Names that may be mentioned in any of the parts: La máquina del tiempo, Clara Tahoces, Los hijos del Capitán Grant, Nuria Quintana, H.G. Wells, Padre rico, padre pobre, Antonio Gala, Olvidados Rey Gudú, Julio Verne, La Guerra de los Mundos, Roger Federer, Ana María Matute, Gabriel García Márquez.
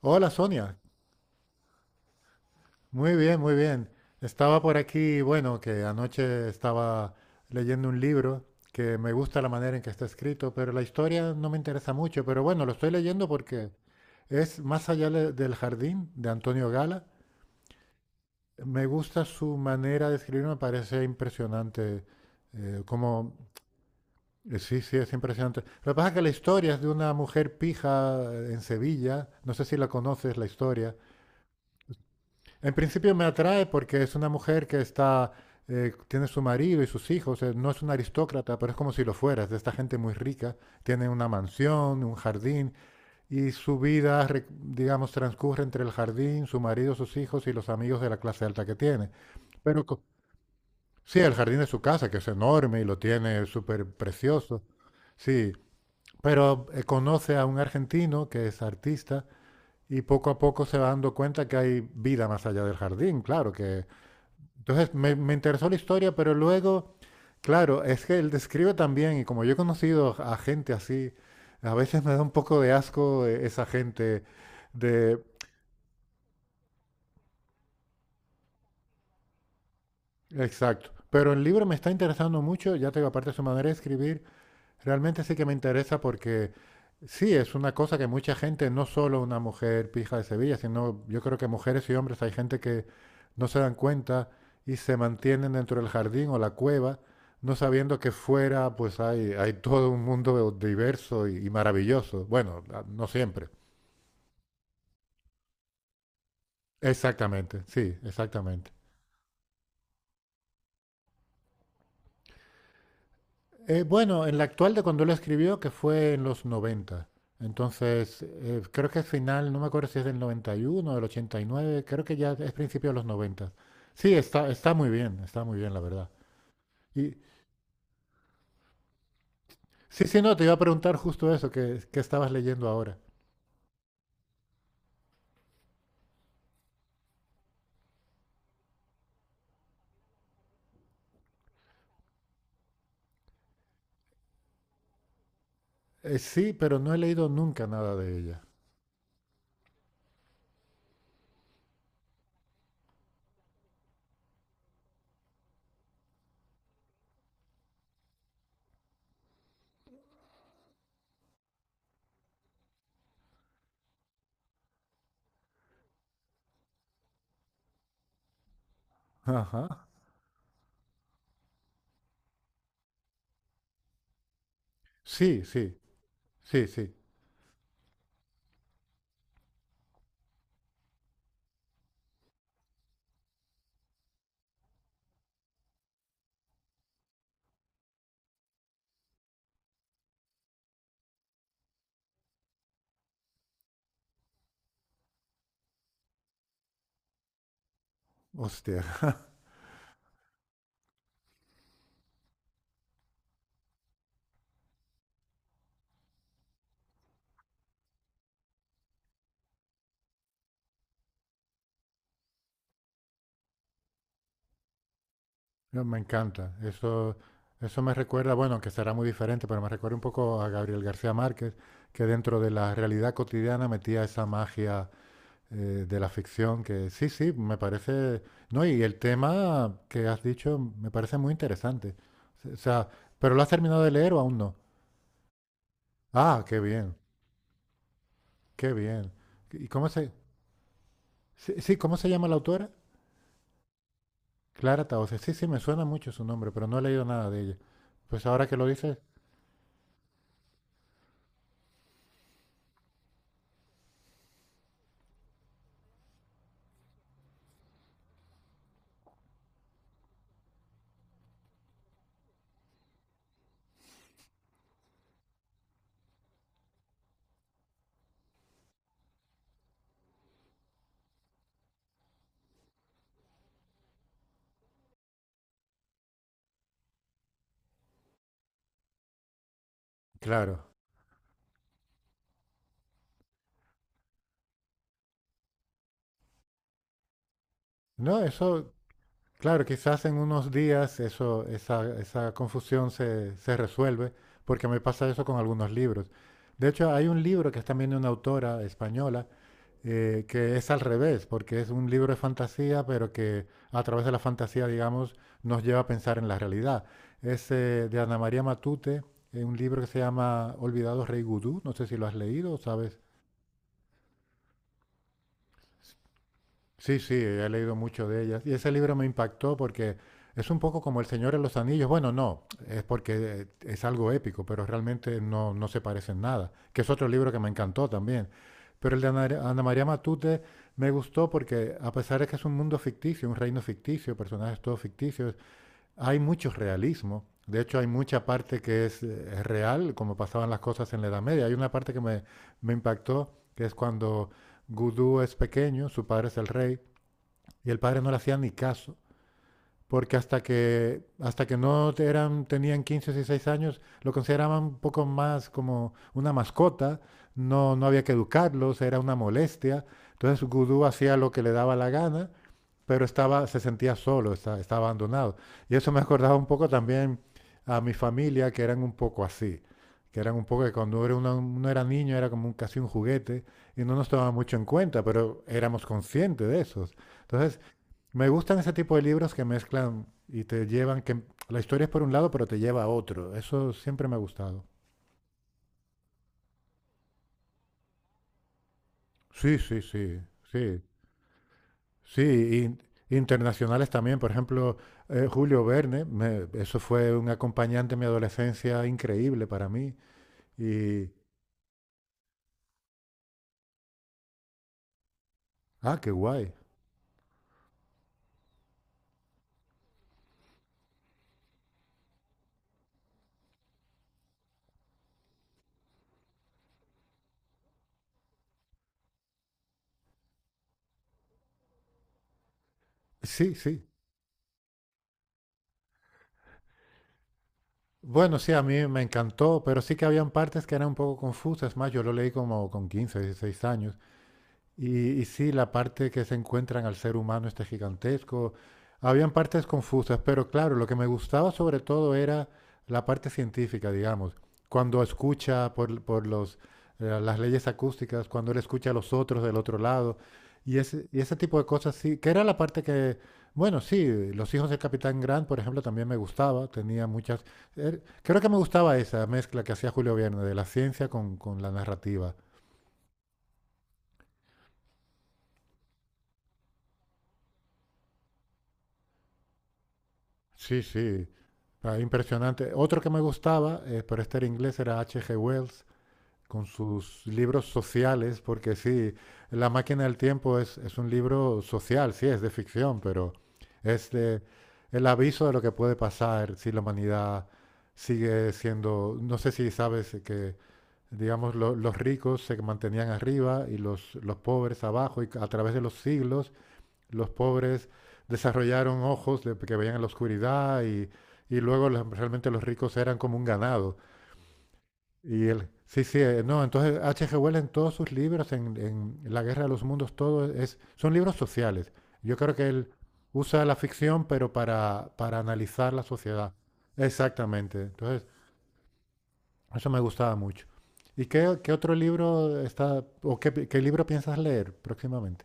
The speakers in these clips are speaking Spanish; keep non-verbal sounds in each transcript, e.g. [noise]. Hola Sonia, muy bien, muy bien. Estaba por aquí, bueno, que anoche estaba leyendo un libro que me gusta la manera en que está escrito, pero la historia no me interesa mucho, pero bueno, lo estoy leyendo porque es Más allá del jardín de Antonio Gala. Me gusta su manera de escribir, me parece impresionante, eh, como, sí, sí, es impresionante. Lo que pasa es que la historia es de una mujer pija en Sevilla, no sé si la conoces la historia. En principio me atrae porque es una mujer que está, tiene su marido y sus hijos, no es una aristócrata, pero es como si lo fuera, es de esta gente muy rica, tiene una mansión, un jardín y su vida, digamos, transcurre entre el jardín, su marido, sus hijos y los amigos de la clase alta que tiene. Pero co- sí, el jardín de su casa, que es enorme y lo tiene súper precioso, sí, pero conoce a un argentino que es artista y poco a poco se va dando cuenta que hay vida más allá del jardín, claro, que entonces me interesó la historia, pero luego, claro, es que él describe también, y como yo he conocido a gente así, a veces me da un poco de asco esa gente de... Exacto. Pero el libro me está interesando mucho, ya te digo, aparte de su manera de escribir. Realmente sí que me interesa porque sí, es una cosa que mucha gente, no solo una mujer pija de Sevilla, sino yo creo que mujeres y hombres, hay gente que no se dan cuenta y se mantienen dentro del jardín o la cueva, no sabiendo que fuera pues hay todo un mundo diverso y maravilloso. Bueno, no siempre. Exactamente, sí, exactamente. Bueno, en la actual de cuando lo escribió, que fue en los 90. Entonces, creo que es final, no me acuerdo si es del 91, del 89. Creo que ya es principio de los 90. Sí, está, está muy bien, la verdad. Y sí, sí, no, te iba a preguntar justo eso, que estabas leyendo ahora. Sí, pero no he leído nunca nada de ella. Ajá. Sí, sí, sí, sí. Hostia. [laughs] No, me encanta. Eso me recuerda, bueno, que será muy diferente, pero me recuerda un poco a Gabriel García Márquez, que dentro de la realidad cotidiana metía esa magia de la ficción, que sí, sí, me parece... No, y el tema que has dicho me parece muy interesante. O sea, ¿pero lo has terminado de leer o aún no? Ah, qué bien, qué bien. ¿Y cómo se... Sí, sí, ¿cómo se llama la autora? Clara Tauces. Sí, sí, me suena mucho su nombre, pero no he leído nada de ella. Pues ahora que lo dices, claro. No, eso claro, quizás en unos días eso, esa confusión se resuelve, porque me pasa eso con algunos libros. De hecho, hay un libro que es también de una autora española, que es al revés, porque es un libro de fantasía, pero que a través de la fantasía, digamos, nos lleva a pensar en la realidad. Es de Ana María Matute, un libro que se llama Olvidados Rey Gudú, no sé si lo has leído o sabes. Sí, sí, he leído mucho de ellas. Y ese libro me impactó porque es un poco como El Señor de los Anillos. Bueno, no, es porque es algo épico, pero realmente no, no se parecen nada. Que es otro libro que me encantó también. Pero el de Ana, Ana María Matute me gustó porque, a pesar de que es un mundo ficticio, un reino ficticio, personajes todos ficticios, hay mucho realismo. De hecho, hay mucha parte que es real, como pasaban las cosas en la Edad Media. Hay una parte que me impactó, que es cuando Gudú es pequeño, su padre es el rey, y el padre no le hacía ni caso, porque hasta que no eran, tenían 15 o 16 años, lo consideraban un poco más como una mascota, no, no había que educarlos, era una molestia. Entonces Gudú hacía lo que le daba la gana, pero estaba, se sentía solo, estaba, estaba abandonado. Y eso me acordaba un poco también a mi familia, que eran un poco así que eran un poco que cuando uno era niño era como un, casi un juguete y no nos tomaba mucho en cuenta, pero éramos conscientes de eso. Entonces, me gustan ese tipo de libros que mezclan y te llevan, que la historia es por un lado, pero te lleva a otro. Eso siempre me ha gustado. Sí, sí, sí, sí. Sí, in- internacionales también. Por ejemplo, Julio Verne, eso fue un acompañante en mi adolescencia increíble para mí. Y, ah, qué guay. Sí, sí. Bueno, sí, a mí me encantó, pero sí que habían partes que eran un poco confusas. Más, yo lo leí como con 15, 16 años. Y sí, la parte que se encuentran al ser humano este gigantesco. Habían partes confusas, pero claro, lo que me gustaba sobre todo era la parte científica, digamos. Cuando escucha por los, las leyes acústicas, cuando él escucha a los otros del otro lado, y ese tipo de cosas, sí, que era la parte que, bueno, sí, Los hijos del Capitán Grant, por ejemplo, también me gustaba, tenía muchas... creo que me gustaba esa mezcla que hacía Julio Verne de la ciencia con la narrativa. Sí, sí, ah, impresionante. Otro que me gustaba, pero este era inglés, era H.G. Wells, con sus libros sociales, porque sí, La máquina del tiempo es un libro social, sí, es de ficción, pero es de el aviso de lo que puede pasar si la humanidad sigue siendo, no sé si sabes que, digamos, los ricos se mantenían arriba y los pobres abajo, y a través de los siglos los pobres desarrollaron ojos que veían en la oscuridad y luego realmente los ricos eran como un ganado. Y él, sí, sí, no, entonces H.G. Wells en todos sus libros, en La Guerra de los Mundos, todo es, son libros sociales. Yo creo que él usa la ficción, pero para analizar la sociedad. Exactamente. Entonces, eso me gustaba mucho. ¿Y qué, qué otro libro está, o qué, qué libro piensas leer próximamente?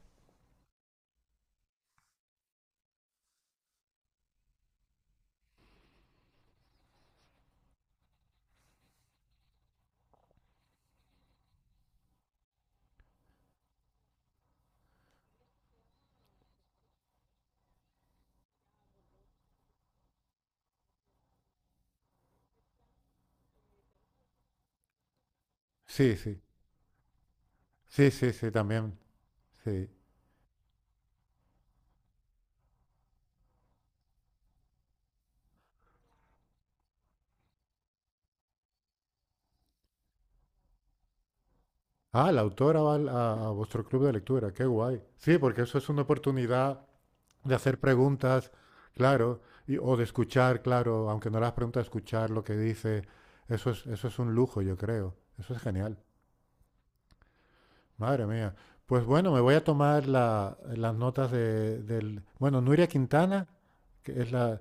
Sí, sí, sí, sí, sí, también, sí. Ah, la autora va a vuestro club de lectura, qué guay. Sí, porque eso es una oportunidad de hacer preguntas, claro, o de escuchar, claro, aunque no las preguntas, escuchar lo que dice. Eso es un lujo, yo creo. Eso es genial. Madre mía. Pues bueno, me voy a tomar las notas de, del... Bueno, Nuria Quintana, que es la...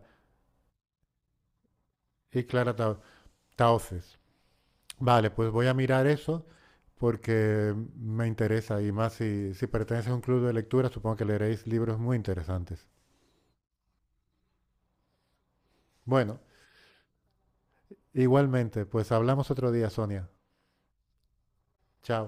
y Tahoces. Vale, pues voy a mirar eso porque me interesa y más si, si perteneces a un club de lectura, supongo que leeréis libros muy interesantes. Bueno, igualmente, pues hablamos otro día, Sonia. Chao.